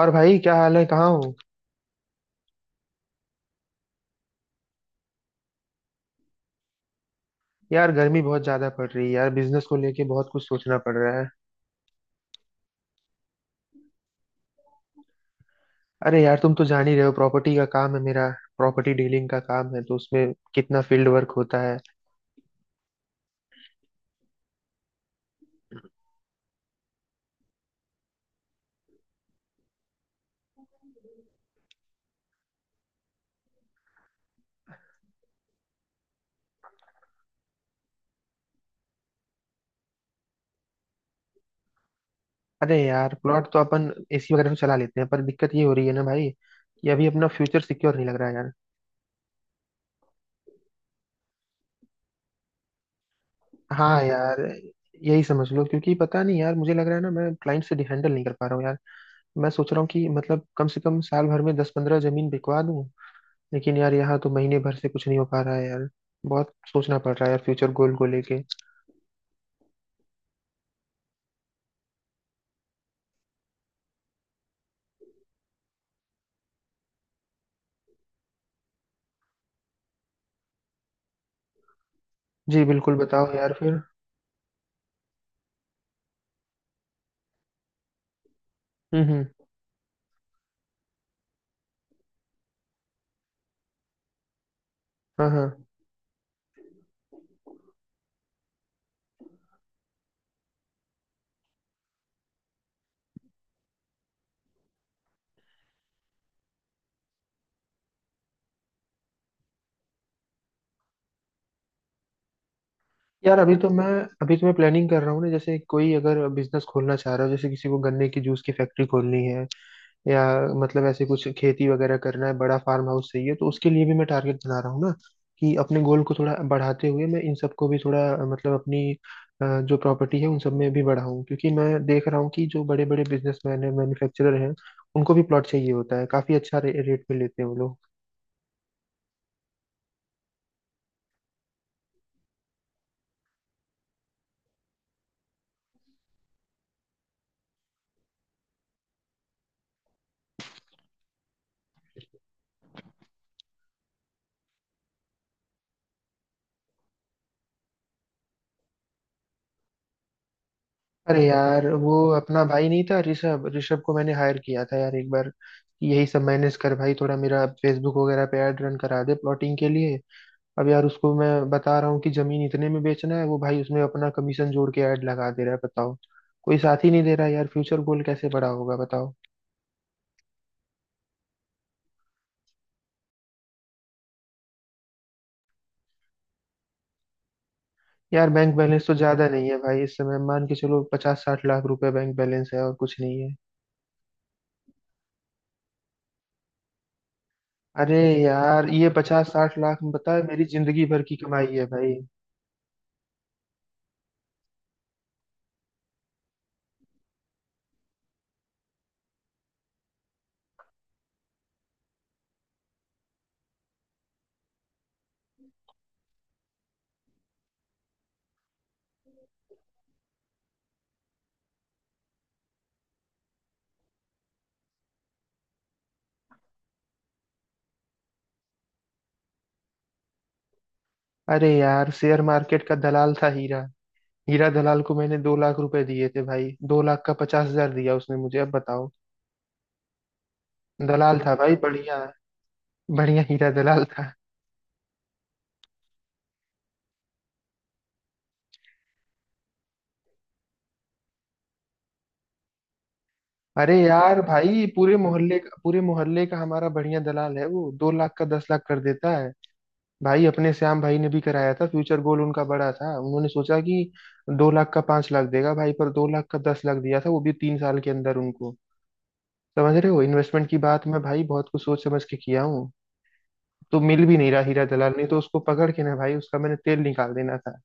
और भाई, क्या हाल है? कहाँ हो? यार, गर्मी बहुत ज्यादा पड़ रही है यार, बिजनेस को लेके बहुत कुछ सोचना पड़ रहा है। अरे यार, तुम तो जान ही रहे हो, प्रॉपर्टी का काम है मेरा। प्रॉपर्टी डीलिंग का काम है तो उसमें कितना फील्ड वर्क होता है। अरे यार, प्लॉट तो अपन एसी वगैरह में चला लेते हैं, पर दिक्कत ये हो रही है ना भाई कि अभी अपना फ्यूचर सिक्योर नहीं लग रहा है यार। हाँ यार। यही समझ लो, क्योंकि पता नहीं यार, मुझे लग रहा है ना, मैं क्लाइंट से हैंडल नहीं कर पा रहा हूँ यार। मैं सोच रहा हूँ कि मतलब कम से कम साल भर में 10-15 जमीन बिकवा दूँ। लेकिन यार, यहाँ तो महीने भर से कुछ नहीं हो पा रहा है यार। बहुत सोचना पड़ रहा है यार, फ्यूचर गोल को लेके। जी बिल्कुल, बताओ यार फिर। हम्म, हम्म। हाँ, हाँ। यार, अभी तो मैं प्लानिंग कर रहा हूँ ना, जैसे कोई अगर बिजनेस खोलना चाह रहा हो, जैसे किसी को गन्ने की जूस की फैक्ट्री खोलनी है, या मतलब ऐसे कुछ खेती वगैरह करना है, बड़ा फार्म हाउस चाहिए, तो उसके लिए भी मैं टारगेट बना रहा हूँ ना, कि अपने गोल को थोड़ा बढ़ाते हुए मैं इन सबको भी थोड़ा मतलब अपनी जो प्रॉपर्टी है उन सब में भी बढ़ाऊँ, क्योंकि मैं देख रहा हूँ कि जो बड़े बड़े बिजनेसमैन हैं, मैन्युफैक्चरर हैं, उनको भी प्लॉट चाहिए होता है, काफी अच्छा रेट पे लेते हैं वो लोग। अरे यार, वो अपना भाई नहीं था ऋषभ? ऋषभ को मैंने हायर किया था यार एक बार कि यही सब मैनेज कर भाई, थोड़ा मेरा फेसबुक वगैरह पे ऐड रन करा दे प्लॉटिंग के लिए। अब यार, उसको मैं बता रहा हूँ कि जमीन इतने में बेचना है, वो भाई उसमें अपना कमीशन जोड़ के ऐड लगा दे रहा है, बताओ। कोई साथ ही नहीं दे रहा यार, फ्यूचर गोल कैसे बड़ा होगा, बताओ। यार, बैंक बैलेंस तो ज्यादा नहीं है भाई, इस समय मान के चलो 50-60 लाख रुपए बैंक बैलेंस है, और कुछ नहीं है। अरे यार, ये 50-60 लाख पता है मेरी जिंदगी भर की कमाई है भाई। अरे यार, शेयर मार्केट का दलाल था हीरा। हीरा दलाल को मैंने 2 लाख रुपए दिए थे भाई, 2 लाख का 50 हज़ार दिया उसने मुझे, अब बताओ। दलाल था भाई, बढ़िया। बढ़िया हीरा दलाल था। अरे यार भाई, पूरे मोहल्ले का हमारा बढ़िया दलाल है, वो 2 लाख का 10 लाख कर देता है। भाई, अपने श्याम भाई ने भी कराया था, फ्यूचर गोल उनका बड़ा था, उन्होंने सोचा कि 2 लाख का 5 लाख देगा भाई, पर 2 लाख का 10 लाख दिया था वो भी 3 साल के अंदर उनको। समझ रहे हो इन्वेस्टमेंट की बात, मैं भाई बहुत कुछ सोच समझ के किया हूँ। तो मिल भी नहीं रहा हीरा दलाल, नहीं तो उसको पकड़ के ना भाई, उसका मैंने तेल निकाल देना था।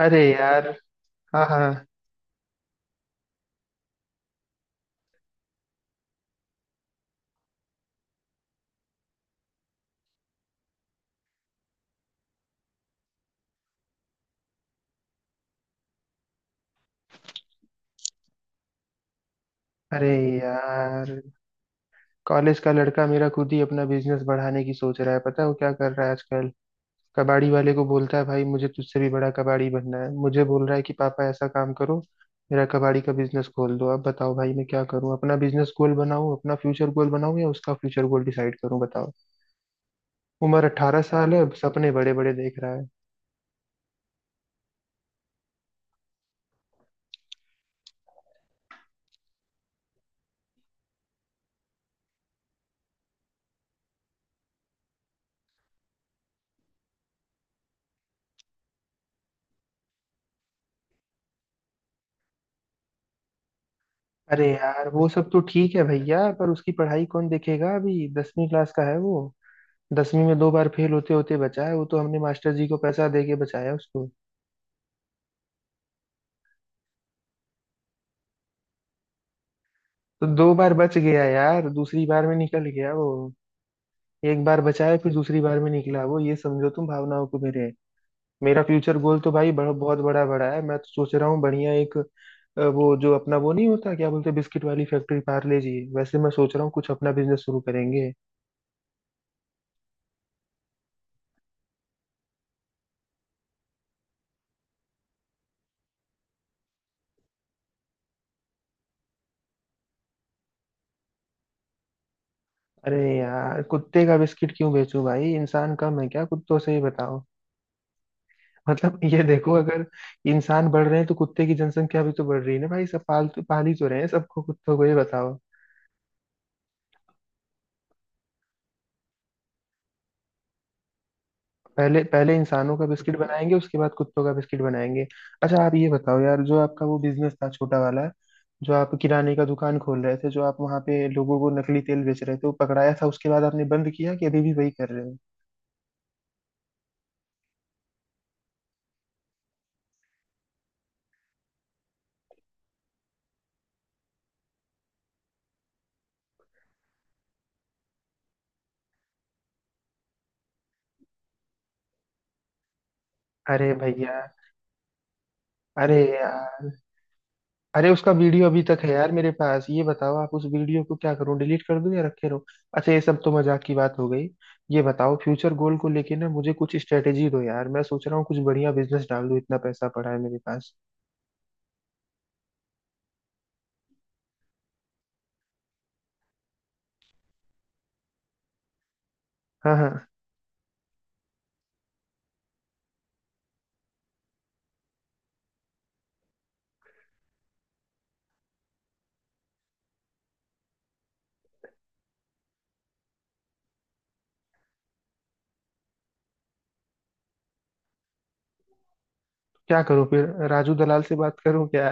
अरे यार। हाँ, हाँ। अरे यार, कॉलेज का लड़का मेरा खुद ही अपना बिजनेस बढ़ाने की सोच रहा है, पता है वो क्या कर रहा है आजकल? कबाड़ी वाले को बोलता है, भाई मुझे तुझसे भी बड़ा कबाड़ी बनना है, मुझे बोल रहा है कि पापा ऐसा काम करो, मेरा कबाड़ी का बिजनेस खोल दो। अब बताओ भाई, मैं क्या करूं? अपना बिजनेस गोल बनाऊं, अपना फ्यूचर गोल बनाऊं, या उसका फ्यूचर गोल डिसाइड करूं, बताओ। उम्र 18 साल है, अब सपने बड़े बड़े देख रहा है। अरे यार, वो सब तो ठीक है भैया, पर उसकी पढ़ाई कौन देखेगा? अभी 10वीं क्लास का है वो, 10वीं में दो बार फेल होते होते बचा है वो, तो हमने मास्टर जी को पैसा दे के बचाया उसको। तो दो बार बच गया यार, दूसरी बार में निकल गया वो। एक बार बचाया, फिर दूसरी बार में निकला वो, ये समझो तुम भावनाओं को मेरे। मेरा फ्यूचर गोल तो भाई बड़ा, बहुत बड़ा बड़ा है। मैं तो सोच रहा हूँ बढ़िया एक वो जो अपना वो नहीं होता, क्या बोलते हैं, बिस्किट वाली फैक्ट्री, पार्ले जी वैसे, मैं सोच रहा हूँ कुछ अपना बिजनेस शुरू करेंगे। अरे यार, कुत्ते का बिस्किट क्यों बेचूं भाई? इंसान कम है क्या कुत्तों से ही, बताओ। मतलब ये देखो, अगर इंसान बढ़ रहे हैं तो कुत्ते की जनसंख्या भी तो बढ़ रही है ना भाई, सब पाल तो पाल ही तो रहे हैं, सबको कुत्तों को, ये बताओ। पहले पहले इंसानों का बिस्किट बनाएंगे, उसके बाद कुत्तों का बिस्किट बनाएंगे। अच्छा, आप ये बताओ यार, जो आपका वो बिजनेस था छोटा वाला, जो आप किराने का दुकान खोल रहे थे, जो आप वहां पे लोगों को नकली तेल बेच रहे थे, वो पकड़ाया था उसके बाद आपने बंद किया, कि अभी भी वही कर रहे हो? अरे भैया। अरे यार। अरे, उसका वीडियो अभी तक है यार मेरे पास, ये बताओ आप, उस वीडियो को क्या करूं, डिलीट कर दूं या रखे रहो? अच्छा, ये सब तो मजाक की बात हो गई। ये बताओ, फ्यूचर गोल को लेके ना मुझे कुछ स्ट्रेटेजी दो यार, मैं सोच रहा हूँ कुछ बढ़िया बिजनेस डाल दूं, इतना पैसा पड़ा है मेरे पास। हाँ, हाँ। क्या करूँ फिर? राजू दलाल से बात करूँ क्या?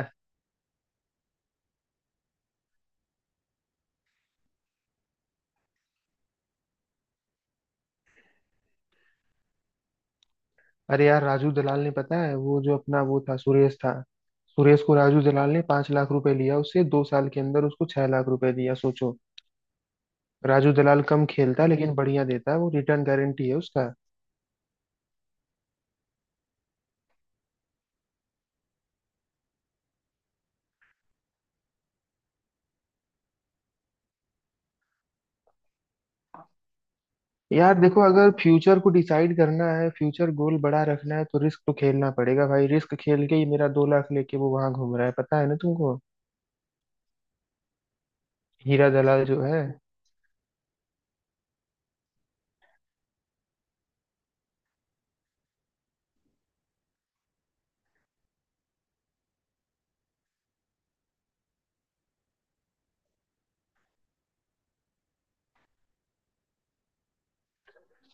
अरे यार, राजू दलाल ने, पता है, वो जो अपना वो था सुरेश था, सुरेश को राजू दलाल ने 5 लाख रुपए लिया उससे, 2 साल के अंदर उसको 6 लाख रुपए दिया, सोचो। राजू दलाल कम खेलता है लेकिन बढ़िया देता है वो रिटर्न, गारंटी है उसका। यार देखो, अगर फ्यूचर को डिसाइड करना है, फ्यूचर गोल बड़ा रखना है, तो रिस्क तो खेलना पड़ेगा भाई, रिस्क खेल के ही मेरा 2 लाख लेके वो वहां घूम रहा है, पता है ना तुमको, हीरा दलाल जो है।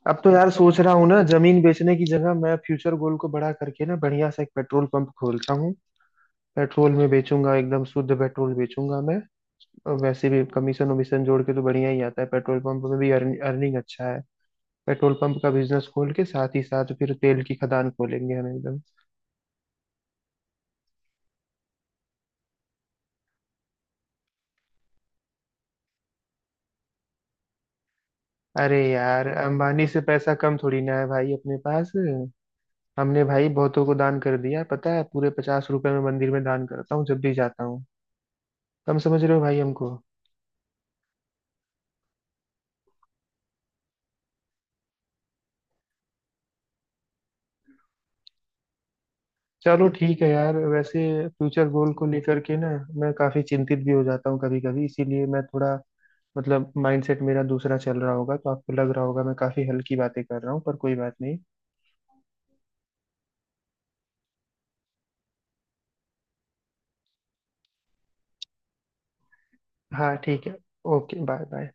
अब तो यार सोच रहा हूँ ना, जमीन बेचने की जगह मैं फ्यूचर गोल को बड़ा करके ना बढ़िया सा एक पेट्रोल पंप खोलता हूँ। पेट्रोल में बेचूंगा, एकदम शुद्ध पेट्रोल बेचूंगा मैं, और वैसे भी कमीशन वमीशन जोड़ के तो बढ़िया ही आता है, पेट्रोल पंप में भी अर्निंग अच्छा है। पेट्रोल पंप का बिजनेस खोल के साथ ही साथ फिर तेल की खदान खोलेंगे हम एकदम। अरे यार, अंबानी से पैसा कम थोड़ी ना है भाई अपने पास। हमने भाई बहुतों को दान कर दिया, पता है पूरे 50 रुपए में मंदिर में दान करता हूँ जब भी जाता हूँ। कम समझ रहे हो भाई हमको। चलो ठीक है यार, वैसे फ्यूचर गोल को लेकर के ना मैं काफी चिंतित भी हो जाता हूँ कभी कभी, इसीलिए मैं थोड़ा मतलब माइंडसेट मेरा दूसरा चल रहा होगा, तो आपको लग रहा होगा मैं काफी हल्की बातें कर रहा हूँ, पर कोई बात नहीं। हाँ ठीक है। Okay, bye bye.